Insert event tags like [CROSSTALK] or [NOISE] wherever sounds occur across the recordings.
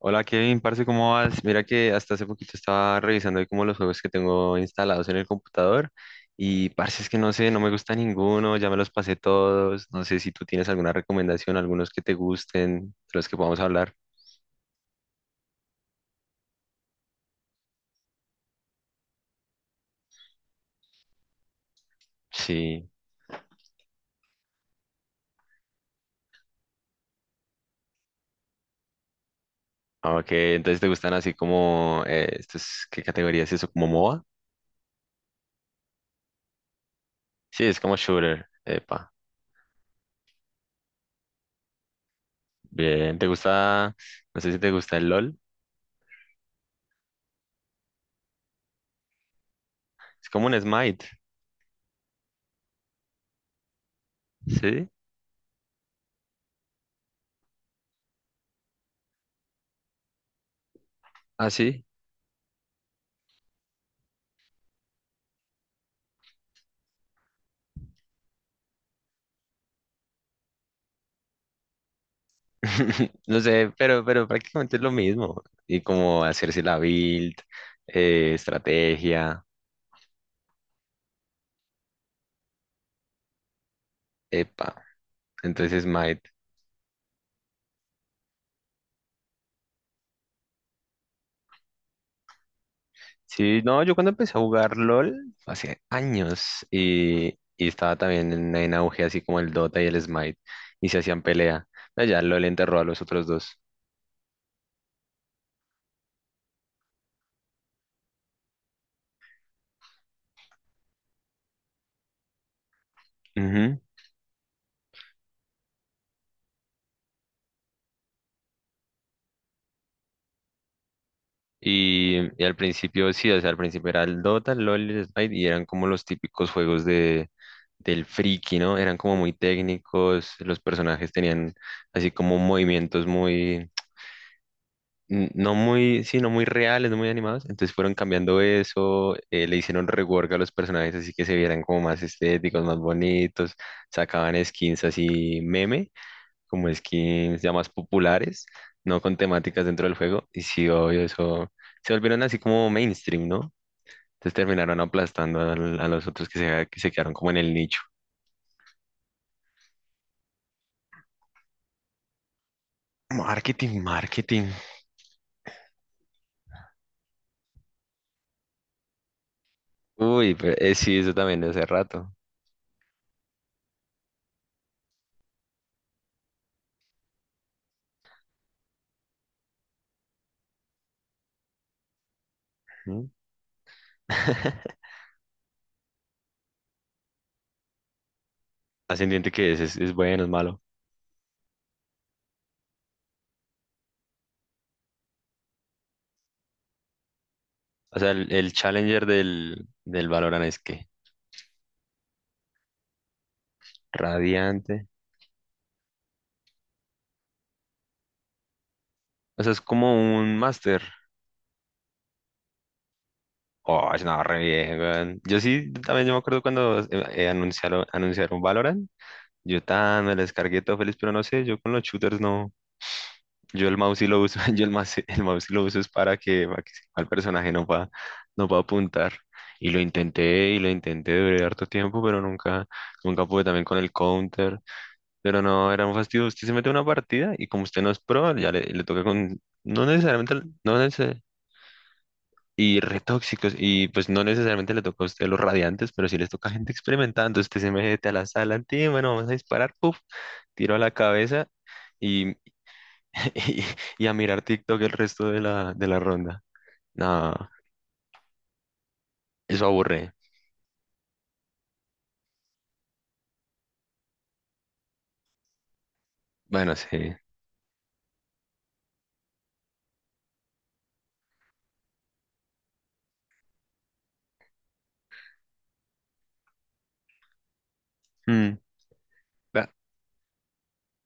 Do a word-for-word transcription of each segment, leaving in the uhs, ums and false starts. Hola Kevin, parce, ¿cómo vas? Mira que hasta hace poquito estaba revisando ahí como los juegos que tengo instalados en el computador y parce, es que no sé, no me gusta ninguno, ya me los pasé todos, no sé si tú tienes alguna recomendación, algunos que te gusten, de los que podamos hablar. Sí, ok, entonces te gustan así como, eh, estos, ¿qué categoría es eso? ¿Como MOBA? Sí, es como shooter, epa, bien, ¿te gusta, no sé si te gusta el LOL? Es como un Smite, ¿sí? Ah, sí. [LAUGHS] No sé, pero, pero prácticamente es lo mismo. Y como hacerse la build, eh, estrategia, epa. Entonces, smite. Sí, no, yo cuando empecé a jugar LOL, hace años, y, y estaba también en, en auge, así como el Dota y el Smite, y se hacían pelea. Pero ya LOL enterró a los otros dos. Y, y al principio, sí, o sea, al principio era el Dota, el LoL y el Smite, y eran como los típicos juegos de, del friki, ¿no? Eran como muy técnicos, los personajes tenían así como movimientos muy, n- no muy, sí, no muy reales, no muy animados, entonces fueron cambiando eso, eh, le hicieron rework a los personajes así que se vieran como más estéticos, más bonitos, sacaban skins así meme, como skins ya más populares, no con temáticas dentro del juego. Y sí, obvio, eso se volvieron así como mainstream, ¿no? Entonces terminaron aplastando al- a, los otros que se, que se quedaron como en el nicho. Marketing, marketing. Uy, pero eh, sí, eso también de hace rato. ¿Mm? [LAUGHS] Ascendiente que es, es, es bueno, es malo. O sea, el, el Challenger del, del Valorant es que radiante. O sea, es como un máster. Oh, no, re bien, weón. Yo sí, también yo me acuerdo cuando eh, eh, anunciaron, anunciaron Valorant. Yo tan me lo descargué todo feliz, pero no sé, yo con los shooters no. Yo el mouse sí lo uso, [LAUGHS] yo el mouse, el mouse sí lo uso es para que, para que sepa el personaje no va, no va a apuntar. Y lo intenté y lo intenté durante harto tiempo, pero nunca, nunca pude también con el counter. Pero no, era un fastidio. Usted se mete a una partida y como usted no es pro, ya le, le toca con, no necesariamente, no, neces- y retóxicos. Y pues no necesariamente le toca a usted los radiantes, pero sí les toca a gente experimentada. Entonces usted se mete a la sala, "Ti, bueno, vamos a disparar, puf, tiro a la cabeza y, [LAUGHS] y, y a mirar TikTok el resto de la, de la ronda. No, eso aburre. Bueno, sí. Mm. Va,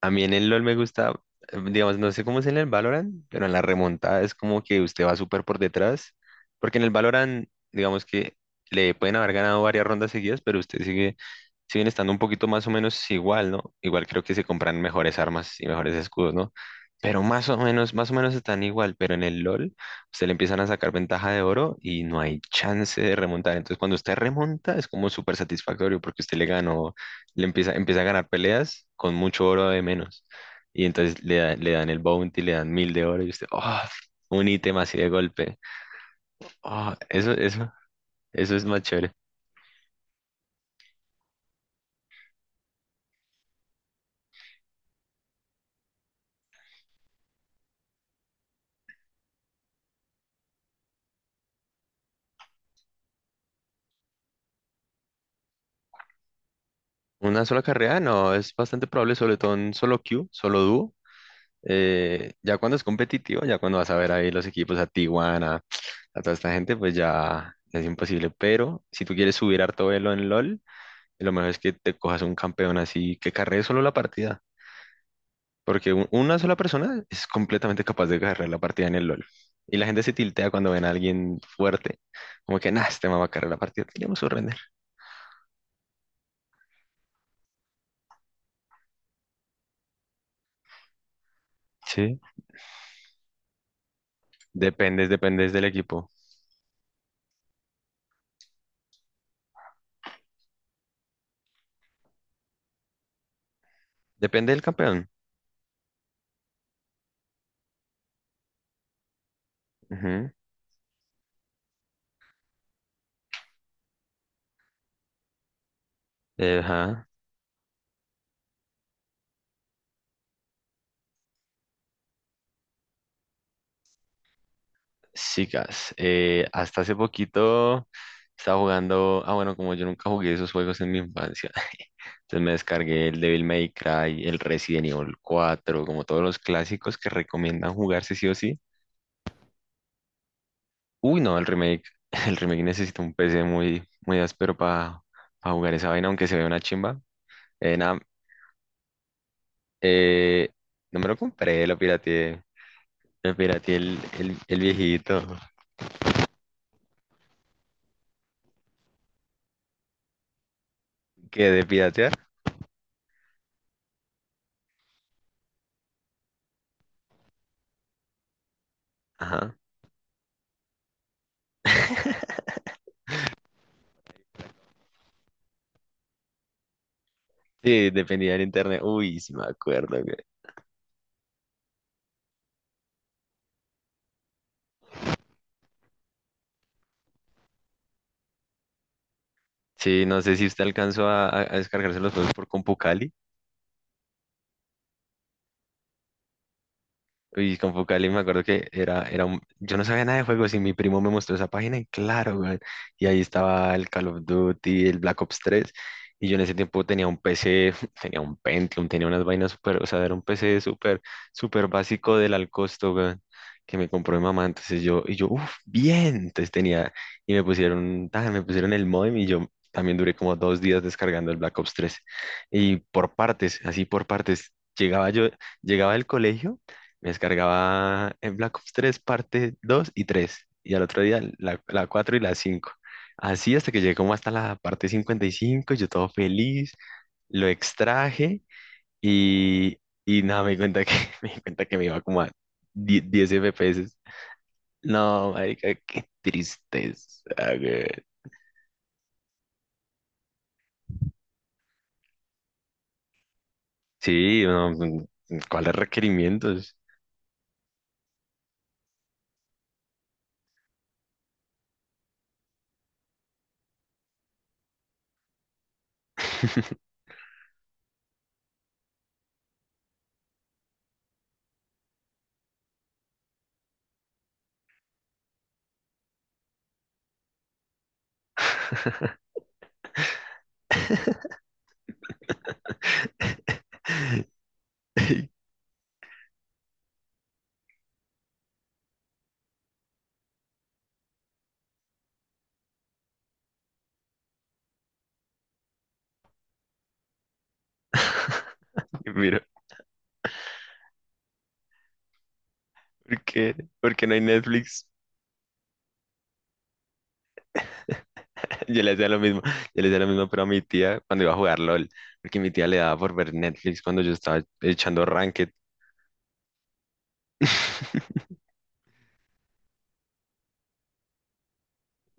a mí en el LOL me gusta, eh, digamos, no sé cómo es en el Valorant, pero en la remontada es como que usted va súper por detrás, porque en el Valorant, digamos que le pueden haber ganado varias rondas seguidas, pero usted sigue siguen estando un poquito más o menos igual, ¿no? Igual creo que se compran mejores armas y mejores escudos, ¿no? Pero más o menos, más o menos están igual, pero en el LOL se le empiezan a sacar ventaja de oro y no hay chance de remontar. Entonces cuando usted remonta es como súper satisfactorio porque usted le ganó, le empieza, empieza a ganar peleas con mucho oro de menos. Y entonces le, da- le dan el bounty, le dan mil de oro y usted, ¡oh! Un ítem así de golpe. ¡Oh! eso, eso, eso es más chévere. Una sola carrera, no, es bastante probable, sobre todo en solo queue, solo dúo. Eh, ya cuando es competitivo, ya cuando vas a ver ahí los equipos a Tijuana, a toda esta gente, pues ya es imposible. Pero si tú quieres subir harto velo en LOL, lo mejor es que te cojas un campeón así que carree solo la partida. Porque un- una sola persona es completamente capaz de carrear la partida en el LOL. Y la gente se tiltea cuando ven a alguien fuerte, como que, nah, este man va a carrear la partida, tenemos que render. Sí. Dependes, dependes del equipo. Depende del campeón. Ujú. Eh, Ajá, chicas, eh, hasta hace poquito estaba jugando, ah bueno, como yo nunca jugué esos juegos en mi infancia, [LAUGHS] entonces me descargué el Devil May Cry, el Resident Evil cuatro, como todos los clásicos que recomiendan jugarse sí o sí. Uy, no, el remake, [LAUGHS] el remake necesita un P C muy, muy áspero para jugar esa vaina, aunque se vea una chimba. Eh, nada, eh, no me lo compré, lo pirateé, lo pirateé el, el, el viejito, [LAUGHS] qué de piratear. Ajá. Sí, dependía del internet. Uy, sí me acuerdo, güey. Sí, no sé si usted alcanzó a, a- a descargarse los juegos por CompuCali. Uy, con Focali me acuerdo que era, era un... Yo no sabía nada de juegos y mi primo me mostró esa página y claro, weón, y ahí estaba el Call of Duty, el Black Ops tres. Y yo en ese tiempo tenía un P C, [LAUGHS] tenía un Pentium, tenía unas vainas súper, o sea, era un P C súper, súper básico del al costo, weón, que me compró mi mamá. Entonces yo, y yo, uff, bien. Entonces tenía, y me pusieron, tan, me pusieron el modem y yo también duré como dos días descargando el Black Ops tres. Y por partes, así por partes, llegaba yo, llegaba del colegio. Me descargaba en Black Ops tres parte dos y tres y al otro día la, la cuatro y la cinco. Así hasta que llegué como hasta la parte cincuenta y cinco yo todo feliz, lo extraje y, y nada, me di cuenta que, [LAUGHS] me di cuenta que me iba como a diez, diez F P S. No, marica, qué tristeza. Güey. Sí, no, mm, ¿cuáles requerimientos? [LAUGHS] Mira, ¿por qué? ¿Por qué no hay Netflix? Yo le hacía lo mismo, yo le hacía lo mismo, pero a mi tía cuando iba a jugar LOL, porque mi tía le daba por ver Netflix cuando yo estaba echando Ranked. [LAUGHS]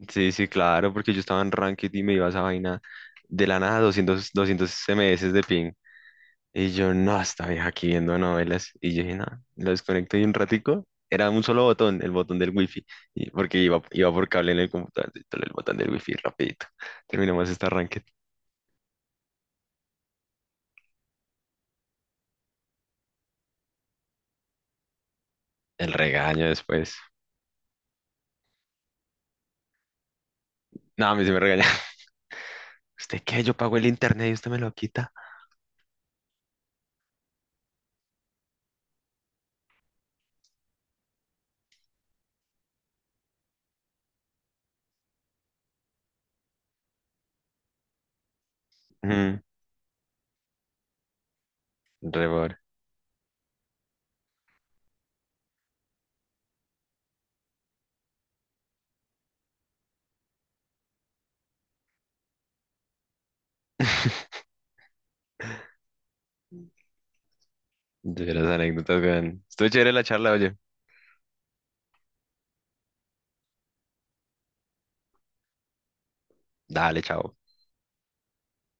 Sí, sí, claro, porque yo estaba en Ranked y me iba a esa vaina de la nada, doscientos, doscientos 200 S M S de ping. Y yo, no, esta vieja aquí viendo novelas. Y yo dije, no, lo desconecto y un ratico. Era un solo botón, el botón del wifi, y porque iba, iba por cable en el computador, entonces el botón del wifi, rapidito. Terminamos esta Ranked. El regaño después. No, a mí se me regaña. ¿Usted qué? Yo pago el internet y usted me lo quita. Mm, rebor. [LAUGHS] De las anécdotas, vean. Estuvo chévere la charla, oye. Dale, chao.